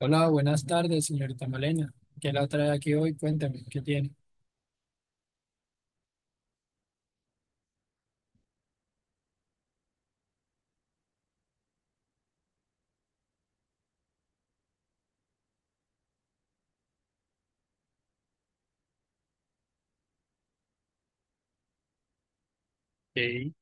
Hola, buenas tardes, señorita Malena. ¿Qué la trae aquí hoy? Cuéntame, ¿qué tiene? Ok.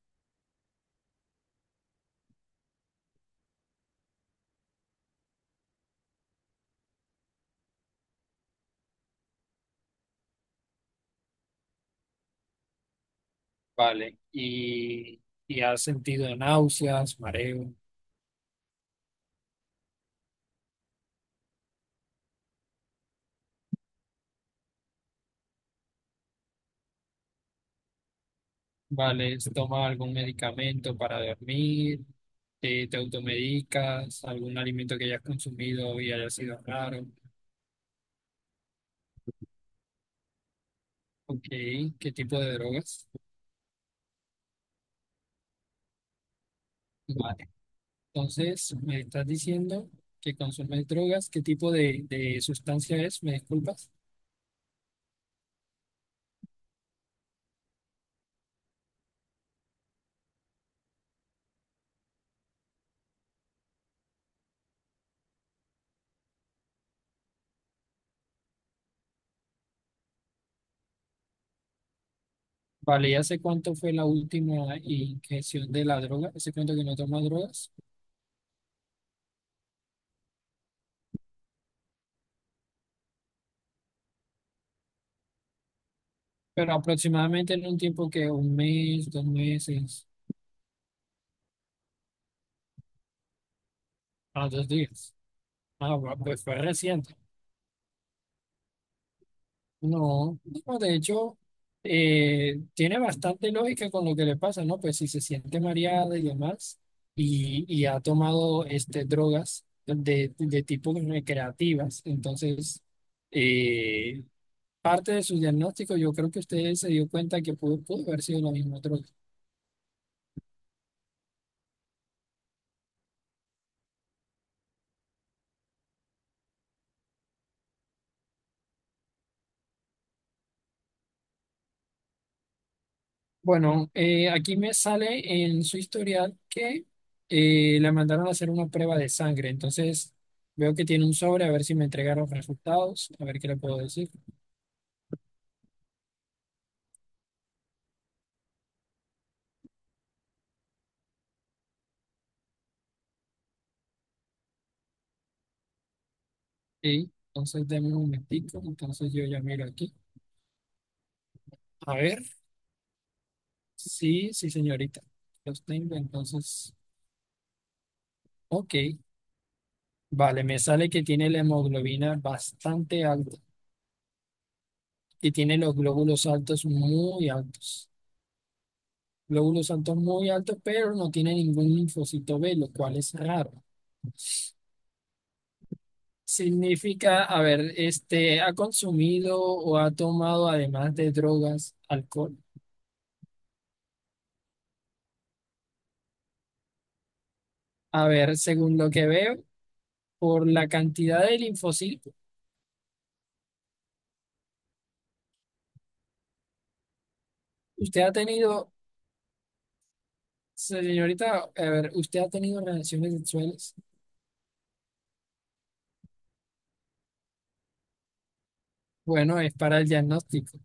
Vale, y has sentido náuseas, mareo. Vale, ¿toma algún medicamento para dormir? ¿Te automedicas? ¿Algún alimento que hayas consumido y haya sido raro? Ok, ¿qué tipo de drogas? Vale, entonces me estás diciendo que consumes drogas, ¿qué tipo de sustancia es? ¿Me disculpas? Vale, ya sé cuánto fue la última inyección de la droga, ese cuento que no toma drogas, pero aproximadamente en un tiempo que un mes, dos meses, a dos días. Pues fue reciente. No, no, de hecho, tiene bastante lógica con lo que le pasa, ¿no? Pues si se siente mareada y demás, y ha tomado este, drogas de tipo recreativas, entonces eh, parte de su diagnóstico, yo creo que usted se dio cuenta que pudo haber sido la misma droga. Bueno, aquí me sale en su historial que le mandaron a hacer una prueba de sangre. Entonces, veo que tiene un sobre, a ver si me entregaron los resultados, a ver qué le puedo decir. Sí, entonces, denme un momentico. Entonces, yo ya miro aquí. A ver, sí, sí, señorita. Los tengo, entonces, ok. Vale, me sale que tiene la hemoglobina bastante alta y tiene los glóbulos altos muy altos. Glóbulos santos muy altos, pero no tiene ningún linfocito B, lo cual es raro. Significa, a ver, este, ha consumido o ha tomado, además de drogas, alcohol. A ver, según lo que veo, por la cantidad de linfocitos, usted ha tenido, señorita, a ver, usted ha tenido relaciones sexuales. Bueno, es para el diagnóstico.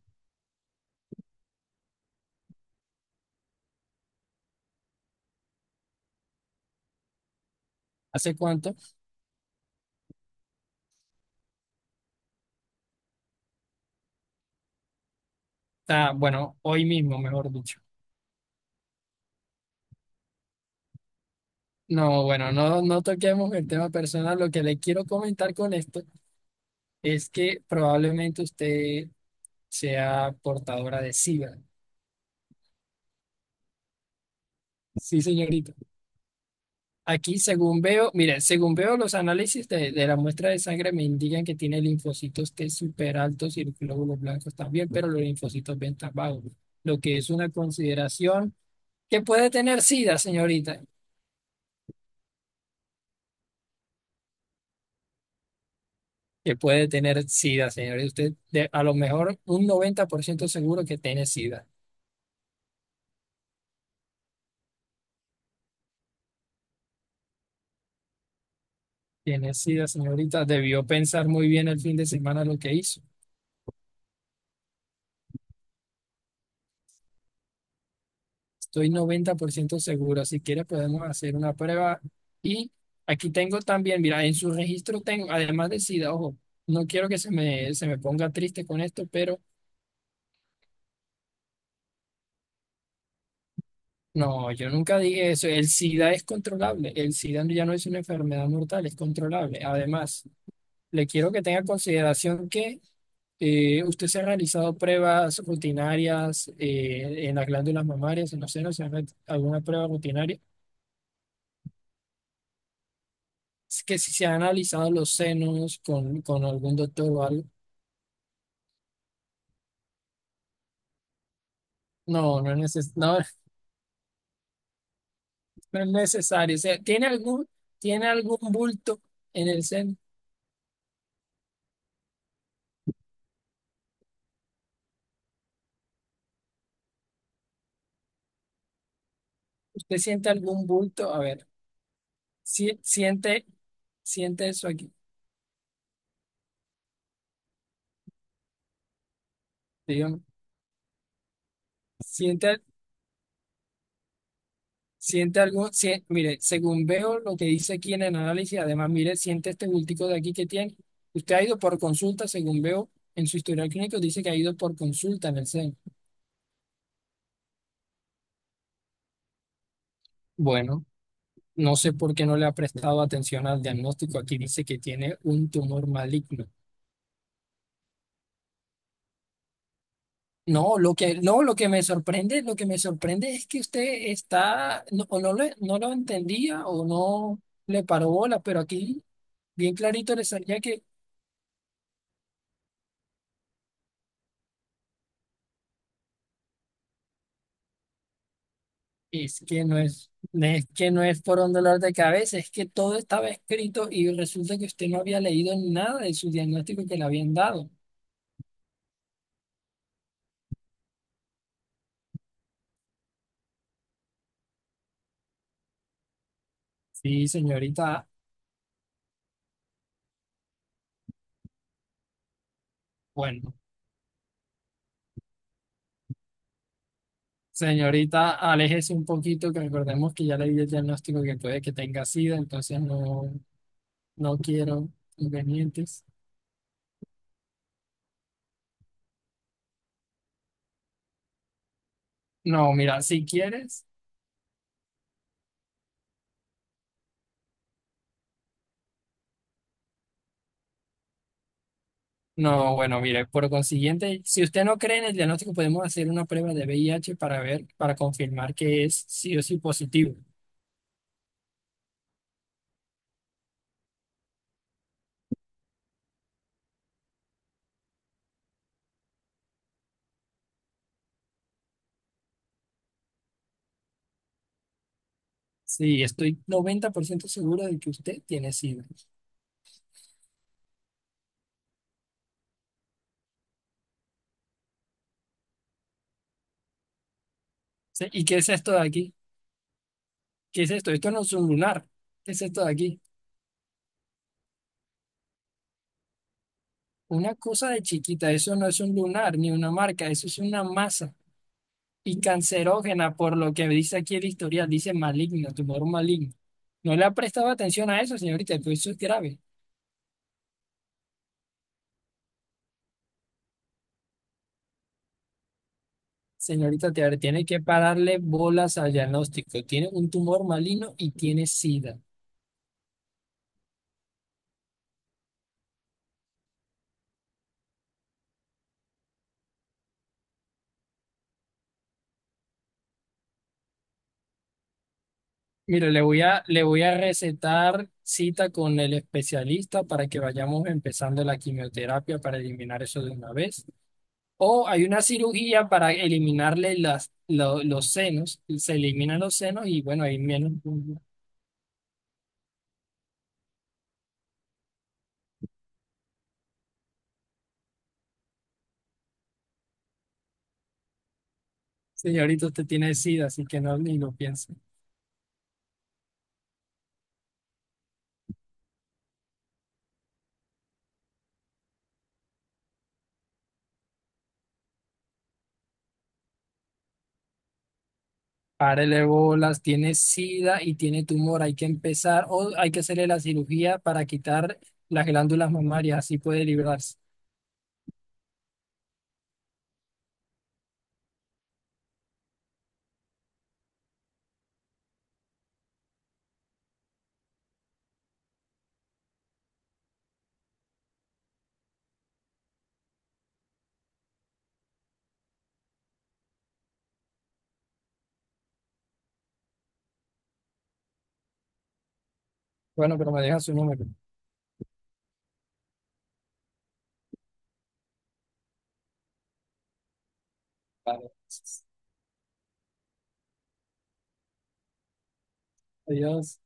¿Hace cuánto? Ah, bueno, hoy mismo, mejor dicho. No, bueno, no toquemos el tema personal. Lo que le quiero comentar con esto es que probablemente usted sea portadora de SIDA. Sí, señorita. Aquí, según veo, mire, según veo los análisis de la muestra de sangre me indican que tiene linfocitos T súper altos y glóbulos blancos también, pero los linfocitos B están bajos, lo que es una consideración que puede tener SIDA, señorita. Que puede tener SIDA, señorita. A lo mejor un 90% seguro que tiene SIDA. Tiene SIDA, señorita. Debió pensar muy bien el fin de semana lo que hizo. Estoy 90% seguro. Si quieres, podemos hacer una prueba. Y aquí tengo también, mira, en su registro tengo, además de SIDA, ojo, no quiero que se me ponga triste con esto, pero no, yo nunca dije eso. El SIDA es controlable. El SIDA ya no es una enfermedad mortal, es controlable. Además, le quiero que tenga en consideración que usted se ha realizado pruebas rutinarias en las glándulas mamarias, en los senos, ¿se ha hecho alguna prueba rutinaria? Que si se han analizado los senos con algún doctor o algo, no es no, no es necesario. O sea, ¿tiene algún bulto en el seno? ¿Usted siente algún bulto? A ver, si, siente, siente eso aquí, digamos. Siente, siente algún, mire, según veo lo que dice aquí en el análisis, además, mire, siente este bultico de aquí que tiene. Usted ha ido por consulta, según veo en su historial clínico, dice que ha ido por consulta en el seno. Bueno. No sé por qué no le ha prestado atención al diagnóstico. Aquí dice que tiene un tumor maligno. No, lo que, no, lo que me sorprende, lo que me sorprende es que usted está, no, o no, no lo entendía o no le paró bola, pero aquí bien clarito le salía que es que no es que no es por un dolor de cabeza, es que todo estaba escrito y resulta que usted no había leído nada de su diagnóstico que le habían dado. Sí, señorita, bueno. Señorita, aléjese un poquito, que recordemos que ya le di el diagnóstico que puede que tenga SIDA, entonces no, no quiero inconvenientes. No, mira, si quieres, no, bueno, mire, por consiguiente, si usted no cree en el diagnóstico, podemos hacer una prueba de VIH para ver, para confirmar que es sí o sí positivo. Sí, estoy 90% seguro de que usted tiene SIDA. Sí, ¿y qué es esto de aquí? ¿Qué es esto? Esto no es un lunar. ¿Qué es esto de aquí? Una cosa de chiquita, eso no es un lunar ni una marca, eso es una masa y cancerógena, por lo que dice aquí el historial, dice maligno, tumor maligno. No le ha prestado atención a eso, señorita, pero eso es grave. Señorita, te ver, tiene que pararle bolas al diagnóstico. Tiene un tumor maligno y tiene SIDA. Mire, le voy a recetar cita con el especialista para que vayamos empezando la quimioterapia para eliminar eso de una vez. O hay una cirugía para eliminarle los senos, se eliminan los senos y bueno, ahí menos. Señorito, usted tiene SIDA, así que no ni lo piense. Párele bolas, tiene SIDA y tiene tumor, hay que empezar o hay que hacerle la cirugía para quitar las glándulas mamarias, así puede librarse. Bueno, pero me deja su número. Vale, adiós.